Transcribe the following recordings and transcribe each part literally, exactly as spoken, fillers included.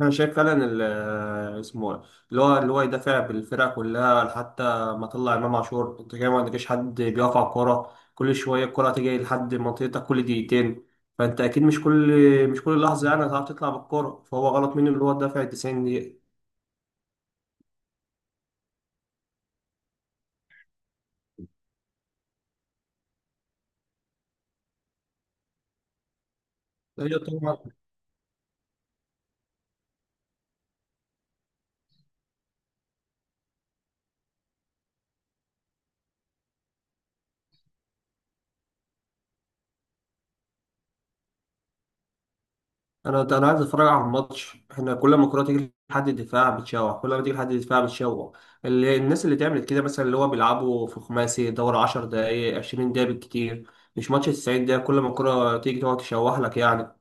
انا شايف فعلا ال- آه، اسمه إيه؟ اللي هو اللي هو يدافع بالفرقه كلها. حتى ما طلع امام عاشور انت كده ما عندكش حد بيقف على الكوره، كل شويه الكوره تيجي لحد منطقتك كل دقيقتين. فانت اكيد مش كل مش كل لحظه يعني هتعرف تطلع بالكوره، فهو غلط منه اللي هو دافع 90 دقيقه. هي طبعا. انا انا عايز اتفرج على الماتش، احنا كل ما الكوره تيجي لحد الدفاع بتشوح، كل ما تيجي لحد الدفاع بتشوح. اللي الناس اللي تعمل كده مثلا اللي هو بيلعبوا في خماسي دوري 10 دقائق 20 دقيقه بالكتير، مش ماتش 90 دقيقه كل ما الكوره تيجي تقعد تشوح لك يعني.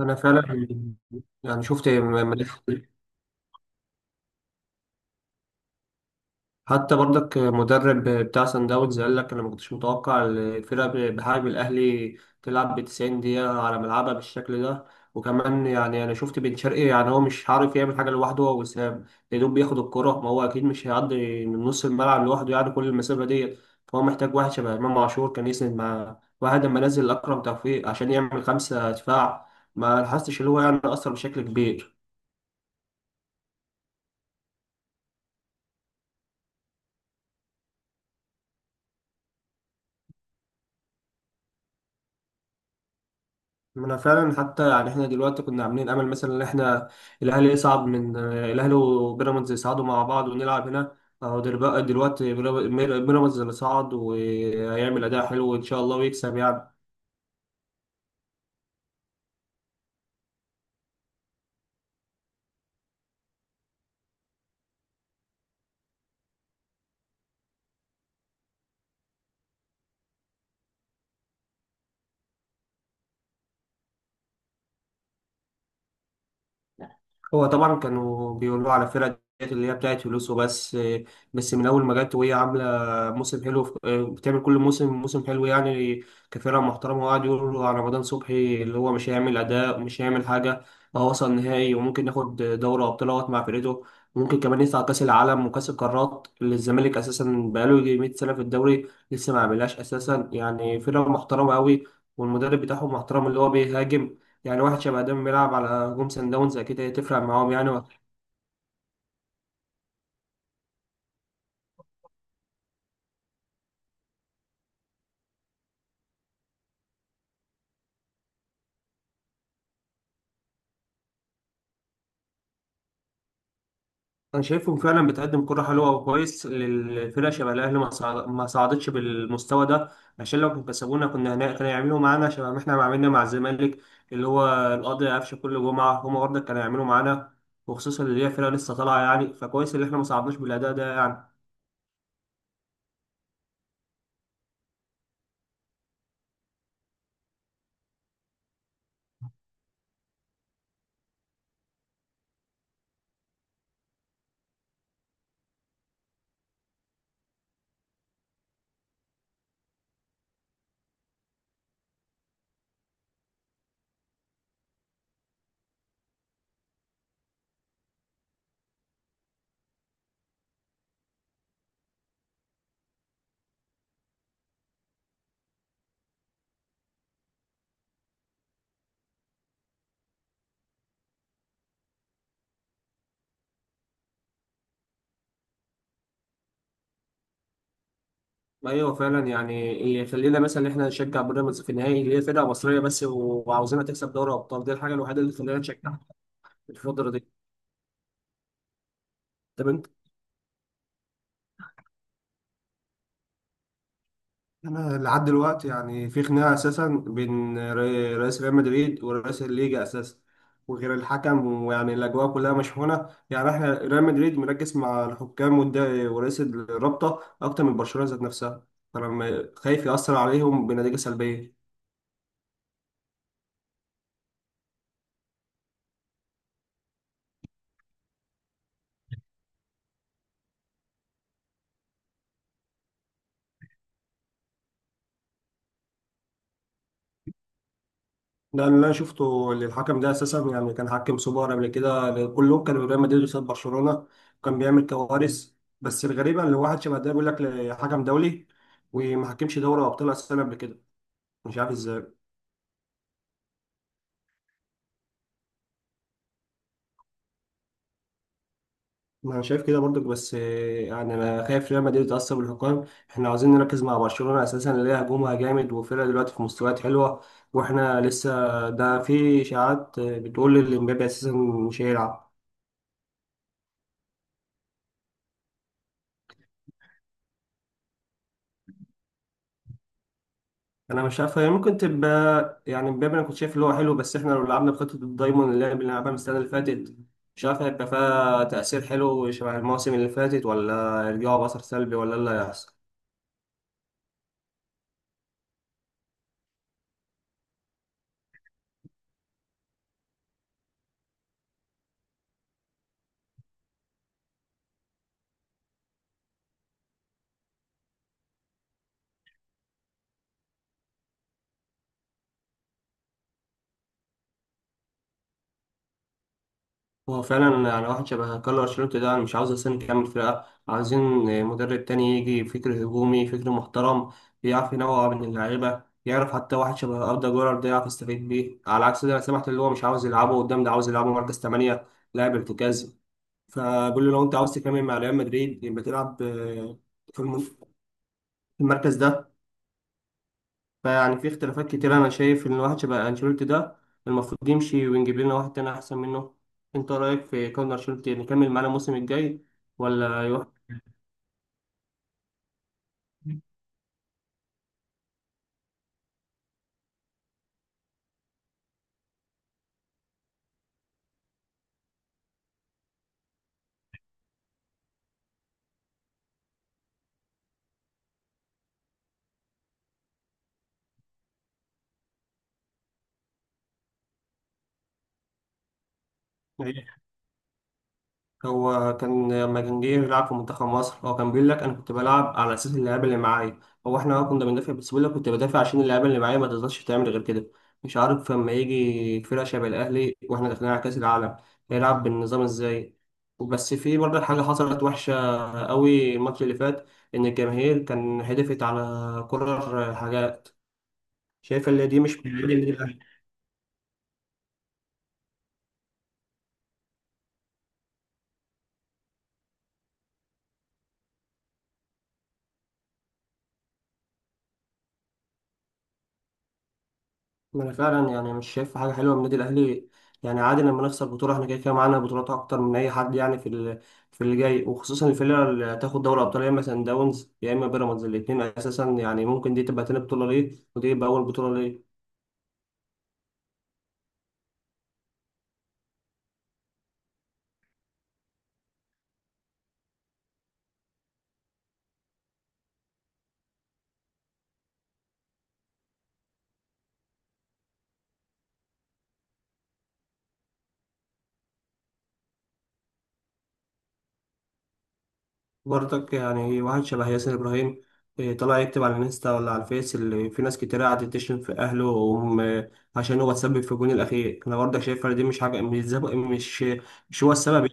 انا فعلا يعني شفت م- مدافع. حتى برضك مدرب بتاع سان داونز قال لك انا ما كنتش متوقع الفرقه بحجم الاهلي تلعب ب 90 دقيقه على ملعبها بالشكل ده. وكمان يعني انا شفت بن شرقي، يعني هو مش عارف يعمل حاجه لوحده هو وسام، يا دوب بياخد الكره، ما هو اكيد مش هيعدي من نص الملعب لوحده يعني كل المسافه ديت. فهو محتاج واحد شبه امام عاشور كان يسند مع واحد لما نزل اكرم توفيق عشان يعمل خمسه دفاع، ما لاحظتش اللي هو يعني اثر بشكل كبير. ما انا فعلا حتى يعني احنا دلوقتي كنا عاملين امل مثلا ان احنا الاهلي يصعد من الاهلي وبيراميدز يصعدوا مع بعض ونلعب هنا. اهو دل- بقى دلوقتي بيراميدز اللي صعد وهيعمل اداء حلو ان شاء الله ويكسب يعني. هو طبعا كانوا بيقولوا على فرقة ديت اللي هي بتاعت فلوس وبس، آه، بس من أول ما جت وهي عاملة موسم حلو في- آه، بتعمل كل موسم موسم حلو يعني كفرقة محترمة. وقعد يقولوا على رمضان صبحي اللي هو مش هيعمل أداء ومش هيعمل حاجة. هو وصل نهائي وممكن ياخد دوري أبطال أهوت مع فرقته، وممكن كمان يطلع كأس العالم وكأس القارات اللي الزمالك أساسا بقاله يجي مئة سنة سنة في الدوري لسه ما عملهاش أساسا، يعني فرقة محترمة أوي. والمدرب بتاعهم محترم اللي هو بيهاجم، يعني واحد شبه ده بيلعب على جون سان داونز اكيد هتفرق معاهم يعني. انا شايفهم فعلا بتقدم كرة حلوة وكويس للفرقة شبه الاهلي ما صعد- ما صعدتش بالمستوى ده، عشان لو كانوا كسبونا كنا هنا كانوا يعملوا معانا شبه ما احنا عملنا مع الزمالك، اللي هو القاضي قفشه كل جمعة هم برضه كانوا يعملوا معانا. وخصوصا اللي هي فرقة لسه طالعة، يعني فكويس اللي احنا ما صعدناش بالاداء ده يعني. ايوه فعلا يعني يخلينا مثلا ان احنا نشجع بيراميدز في النهائي اللي هي فرقه مصريه بس وعاوزينها تكسب دوري ابطال، دي الحاجه الوحيده اللي تخلينا نشجعها في الفتره دي. طب انت. انا لحد دلوقتي يعني في خناقه اساسا بين ري- رئيس ريال مدريد ورئيس الليجا اساسا، وغير الحكم، ويعني الاجواء كلها مشحونه يعني احنا ريال مدريد مركز مع الحكام والد- ورئيس الرابطه اكتر من برشلونه ذات نفسها، فانا م- خايف ياثر عليهم بنتيجه سلبيه. ده اللي انا شفته، اللي الحكم ده اساسا يعني كان حكم سوبر قبل كده كلهم كانوا ريال مدريد قصاد برشلونه كان بيعمل كوارث. بس الغريبه ان واحد شبه ده بيقول لك حكم دولي، وما حكمش دوري ابطال اساسا قبل كده، مش عارف ازاي. ما انا شايف كده برضك بس، آه، يعني انا خايف ريال مدريد يتأثر بالحكام. احنا عاوزين نركز مع برشلونة اساسا اللي هي هجومها جامد وفرقة دلوقتي في مستويات حلوة، واحنا لسه ده في اشاعات آه، بتقول ان امبابي اساسا مش هيلعب. انا مش عارف، هي ممكن تبقى يعني امبابي انا كنت شايف اللي هو حلو، بس احنا لو لعبنا بخطة الدايموند اللي احنا لعبناها من السنة اللي فاتت مش عارف هيبقى فيها تأثير حلو شبه المواسم اللي فاتت، ولا يرجعوا بأثر سلبي، ولا إيه اللي هيحصل. هو فعلا يعني واحد شبه كارلو انشيلوتي ده انا مش عاوز اصلا يكمل فرقه، عايزين مدرب تاني يجي فكر هجومي فكر محترم، يعرف ينوع بين اللعيبه، يعرف حتى واحد شبه اردا جولر ده يعرف يستفيد بيه. على عكس ده انا سمعت اللي هو مش عاوز يلعبه قدام، ده عاوز يلعبه مركز ثمانية لاعب ارتكازي. فبقول له لو انت عاوز تكمل مع ريال مدريد يبقى تلعب آه، في الم- في المركز ده. فيعني في اختلافات كتير، انا شايف ان واحد شبه انشيلوتي ده المفروض يمشي ونجيب لنا واحد تاني احسن منه. انت رايك في كارلو انشيلوتي نكمل معانا الموسم الجاي ولا يروح؟ هو كان لما كان جه يلعب في منتخب مصر هو كان بيقول لك انا كنت بلعب على اساس اللعيبه اللي معايا، هو احنا كنا بندافع، بس بيقول لك كنت بدافع عشان اللعيبه اللي معايا ما تقدرش تعمل غير كده. مش عارف لما يجي فرقه شبه الاهلي واحنا داخلين على كاس العالم هيلعب بالنظام ازاي. بس في برضه حاجه حصلت وحشه قوي الماتش اللي فات، ان الجماهير كان هدفت على كرر حاجات. شايف اللي دي مش من النادي. ما انا فعلا يعني مش شايف حاجه حلوه من النادي الاهلي، يعني عادي لما نخسر بطوله احنا كده كده معانا بطولات اكتر من اي حد يعني في ال- في اللي جاي، وخصوصا الفرقه اللي هتاخد دوري ابطال يا اما سان داونز يا اما بيراميدز الاثنين اساسا، يعني ممكن دي تبقى تاني بطوله ليه ودي تبقى اول بطوله ليه. برضك يعني واحد شبه ياسر ابراهيم، إيه، طلع يكتب على الانستا ولا على الفيس اللي في ناس كتير قعدت تشتم في اهله وهم، عشان هو اتسبب في الجون الاخير. انا برضك شايف إن دي مش حاجه، مش مش مش هو السبب.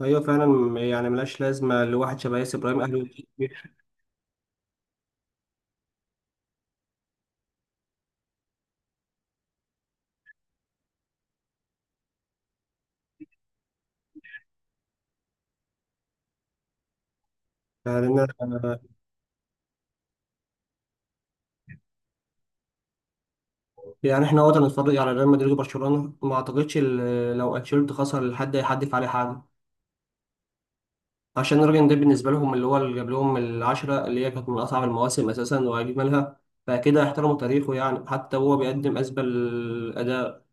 ايوه فعلا يعني ملهاش لازمه لواحد شبه ياسر ابراهيم اهلي. يعني أنا- يعني احنا وقت نتفرج على ريال مدريد وبرشلونه ما اعتقدش ال- لو انشيلوتي خسر الحد هيحدف عليه حاجه، عشان الراجل ده بالنسبه لهم اللي هو اللي جاب لهم العشره اللي هي كانت من اصعب المواسم اساسا واجملها، فكده احترموا تاريخه يعني حتى هو بيقدم اسبل اداء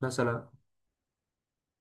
مثلا